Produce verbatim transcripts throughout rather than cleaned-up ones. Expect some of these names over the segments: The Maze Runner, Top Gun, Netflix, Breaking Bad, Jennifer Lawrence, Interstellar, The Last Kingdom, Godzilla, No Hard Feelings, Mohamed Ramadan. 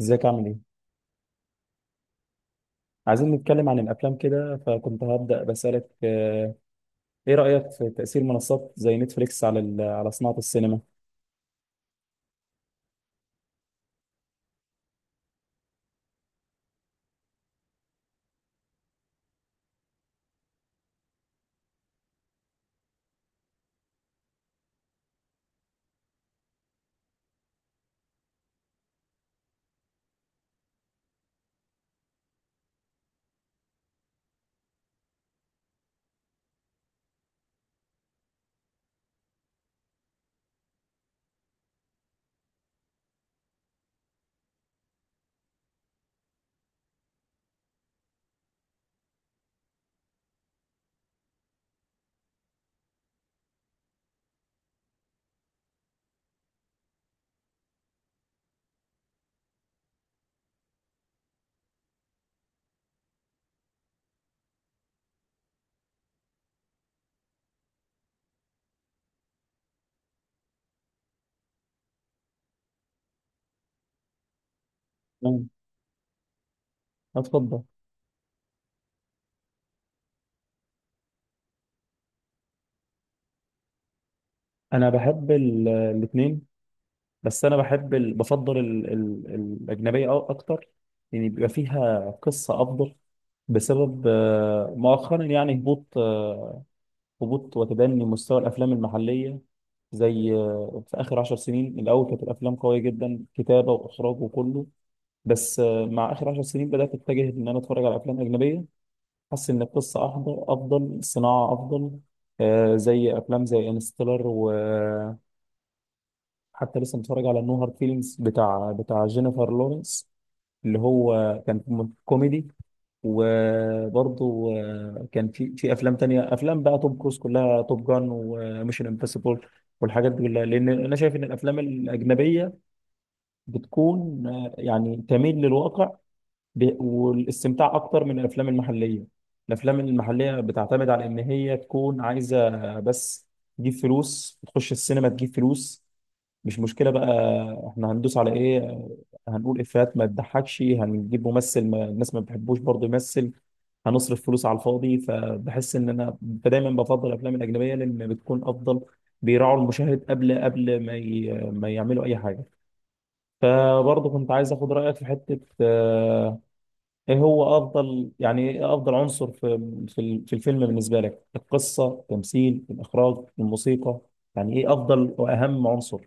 ازيك عامل ايه؟ عايزين نتكلم عن الافلام كده فكنت هبدأ بسألك آه، ايه رأيك في تأثير منصات زي نتفليكس على ال- على صناعة السينما؟ تمام. اتفضل. انا بحب الاثنين، بس انا بحب ال- بفضل ال ال الأجنبية أو اكتر، يعني بيبقى فيها قصة افضل بسبب آه، مؤخرا يعني هبوط، آه، هبوط وتدني مستوى الافلام المحلية. زي آه، في اخر عشر سنين الاول كانت الافلام قوية جدا كتابة واخراج وكله، بس آه، مع اخر عشر سنين بدات اتجه ان انا اتفرج على افلام اجنبيه. حاسس ان القصه افضل، افضل الصناعه افضل. آه، زي افلام زي انستيلر، وحتى لسه متفرج على نو هارد فيلينجز بتاع بتاع جينيفر لورنس اللي هو كان م- كوميدي. وبرضه آه، كان في في افلام تانية، افلام بقى توم كروز كلها، توب جان وميشن امبوسيبل والحاجات دي كلها، لان انا شايف ان الافلام الاجنبيه بتكون آه، يعني تميل للواقع ب- والاستمتاع اكتر من الافلام المحليه. الافلام المحليه بتعتمد على ان هي تكون عايزه بس تجيب فلوس، تخش السينما تجيب فلوس، مش مشكله بقى. احنا هندوس على ايه؟ هنقول افيهات ما تضحكش، هنجيب ممثل ما الناس ما بتحبوش برضه يمثل، هنصرف فلوس على الفاضي. فبحس ان انا دايما بفضل الافلام الاجنبيه لان بتكون افضل، بيراعوا المشاهد قبل قبل ما ي... ما يعملوا اي حاجه. فبرضه كنت عايز اخد رايك في حته، ايه هو افضل، يعني ايه افضل عنصر في في ال- في الفيلم بالنسبه لك؟ القصه، التمثيل، الاخراج، الموسيقى؟ يعني ايه افضل واهم عنصر؟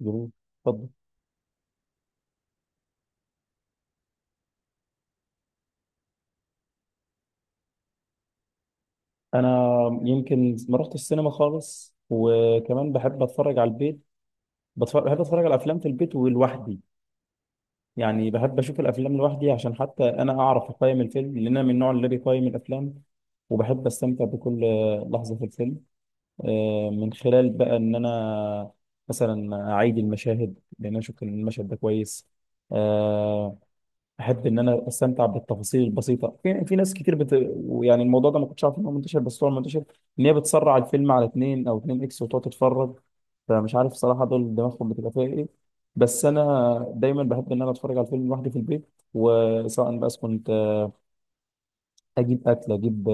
جروب. اتفضل. انا يمكن ما رحت السينما خالص، وكمان بحب اتفرج على البيت. بتفرج بحب اتفرج على افلام في البيت ولوحدي. يعني بحب اشوف الافلام لوحدي عشان حتى انا اعرف اقيم الفيلم، لان انا من النوع اللي بيقيم الافلام وبحب استمتع بكل لحظه في الفيلم آه، من خلال بقى ان انا مثلا اعيد المشاهد لان انا شفت ان المشهد ده كويس. آه، احب ان انا استمتع بالتفاصيل البسيطه في في ناس كتير بت... يعني الموضوع ده ما كنتش عارف ان هو منتشر، بس هو منتشر، ان هي بتسرع الفيلم على اتنين او اتنين اكس وتقعد تتفرج. فمش عارف صراحه دول دماغهم بتبقى فيها ايه. بس انا دايما بحب ان انا اتفرج على الفيلم لوحدي في البيت، وسواء بس كنت اجيب اكل، اجيب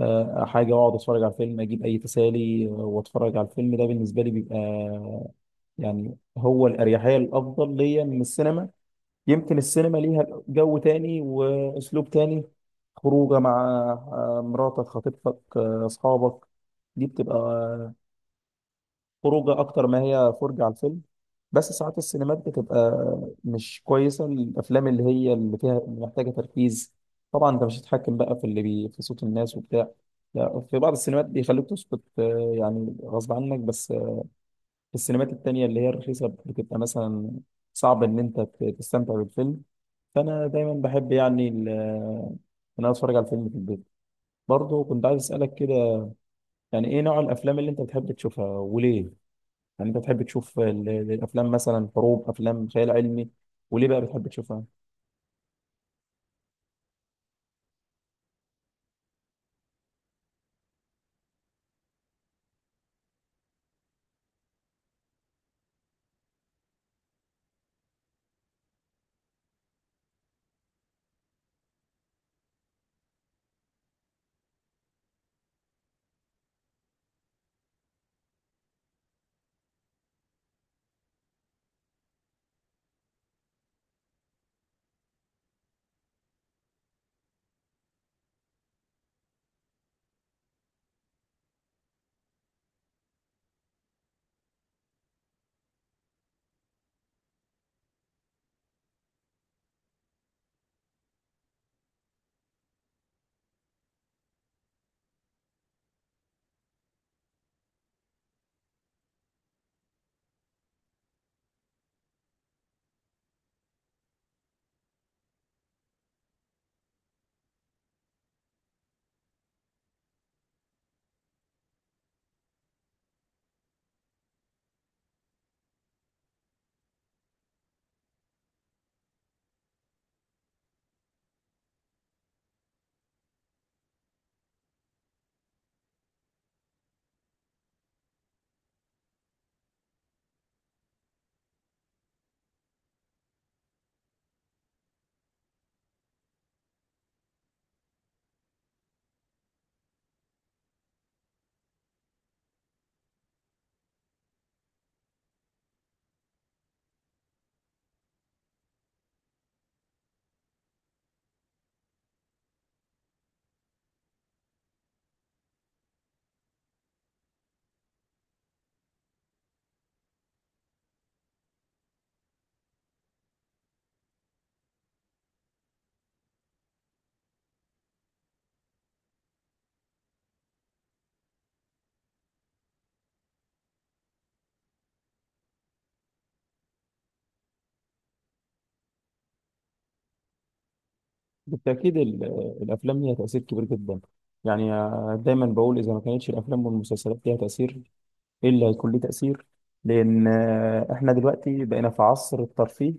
آه، حاجه واقعد اتفرج على الفيلم، اجيب اي تسالي آه، واتفرج على الفيلم. ده بالنسبه لي بيبقى يعني هو الاريحيه الافضل ليا من السينما. يمكن السينما ليها جو تاني واسلوب تاني، خروجه مع آه، مراتك، خطيبتك، آه، اصحابك. دي بتبقى خروجه اكتر ما هي فرجه على الفيلم. بس ساعات السينمات بتبقى مش كويسه، الافلام اللي هي اللي فيها اللي محتاجه تركيز طبعا انت مش هتتحكم بقى في اللي بي في صوت الناس وبتاع. لا، في بعض السينمات بيخلوك تسكت، آه، يعني غصب عنك، بس آه، في السينمات التانية اللي هي الرخيصة بتبقى مثلا صعب إن أنت ت- تستمتع بالفيلم. فأنا دايما بحب يعني ال- آه، إن أنا أتفرج على الفيلم في البيت. برضه كنت عايز أسألك كده، يعني إيه نوع الأفلام اللي أنت بتحب تشوفها وليه؟ يعني انت بتحب تشوف ال- الافلام مثلا حروب، افلام خيال علمي، وليه بقى بتحب تشوفها؟ بالتاكيد ال- الافلام ليها تاثير كبير جدا. يعني آه، دايما بقول اذا ما كانتش الافلام والمسلسلات ليها تاثير، ايه اللي هيكون ليه تاثير؟ لان آه، احنا دلوقتي بقينا في عصر الترفيه،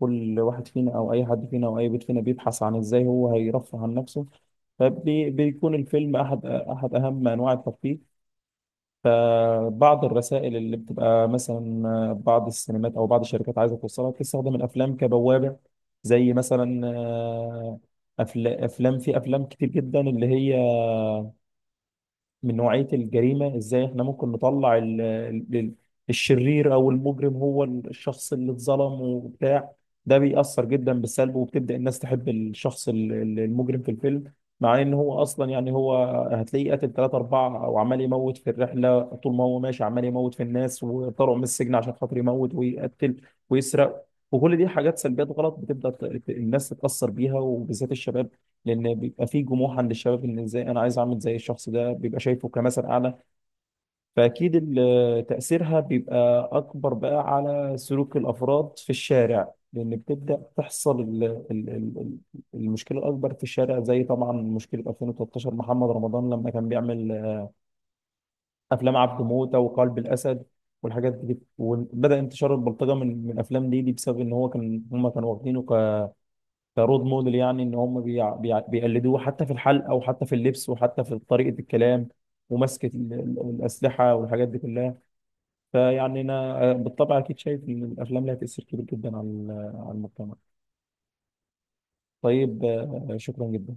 كل واحد فينا او اي حد فينا او اي بيت فينا بيبحث عن ازاي هو هيرفه عن نفسه، فبيكون الفيلم احد احد اهم انواع الترفيه. فبعض الرسائل اللي بتبقى مثلا بعض السينمات او بعض الشركات عايزه توصلها بتستخدم الافلام كبوابه، زي مثلا آه، أفل- افلام، في افلام كتير جدا اللي هي من نوعية الجريمة، ازاي احنا ممكن نطلع ال- ال- الشرير او المجرم هو الشخص اللي اتظلم وبتاع. ده بيأثر جدا بالسلب، وبتبدأ الناس تحب الشخص ال- ال- المجرم في الفيلم، مع ان هو اصلا يعني هو هتلاقيه قتل ثلاثة أربعة، او عمال يموت في الرحلة، طول ما هو ماشي عمال يموت في الناس وطلعوا من السجن عشان خاطر يموت ويقتل ويسرق. وكل دي حاجات سلبيات غلط بتبدأ ت- ت- الناس تتأثر بيها وبالذات الشباب، لان بيبقى في جموح عند الشباب ان ازاي انا عايز اعمل زي الشخص ده، بيبقى شايفه كمثل اعلى. فاكيد ال- تاثيرها بيبقى اكبر بقى على سلوك الافراد في الشارع، لان بتبدا تحصل ال- ال- ال- المشكله الاكبر في الشارع، زي طبعا مشكله ألفين وتلتاشر محمد رمضان لما كان بيعمل افلام عبده موته وقلب الاسد والحاجات دي. وبدا انتشار البلطجه من من الافلام دي, دي بسبب ان هو كان، هم كانوا واخدينه كرول موديل، يعني ان هم بيع... بيع... بيقلدوه حتى في الحلقه وحتى في اللبس وحتى في طريقه الكلام ومسكه ال- ال- الاسلحه والحاجات دي كلها. فيعني انا آه، بالطبع اكيد شايف ان الافلام لها تاثير كبير جدا على ال- على المجتمع. طيب آه، شكرا جدا.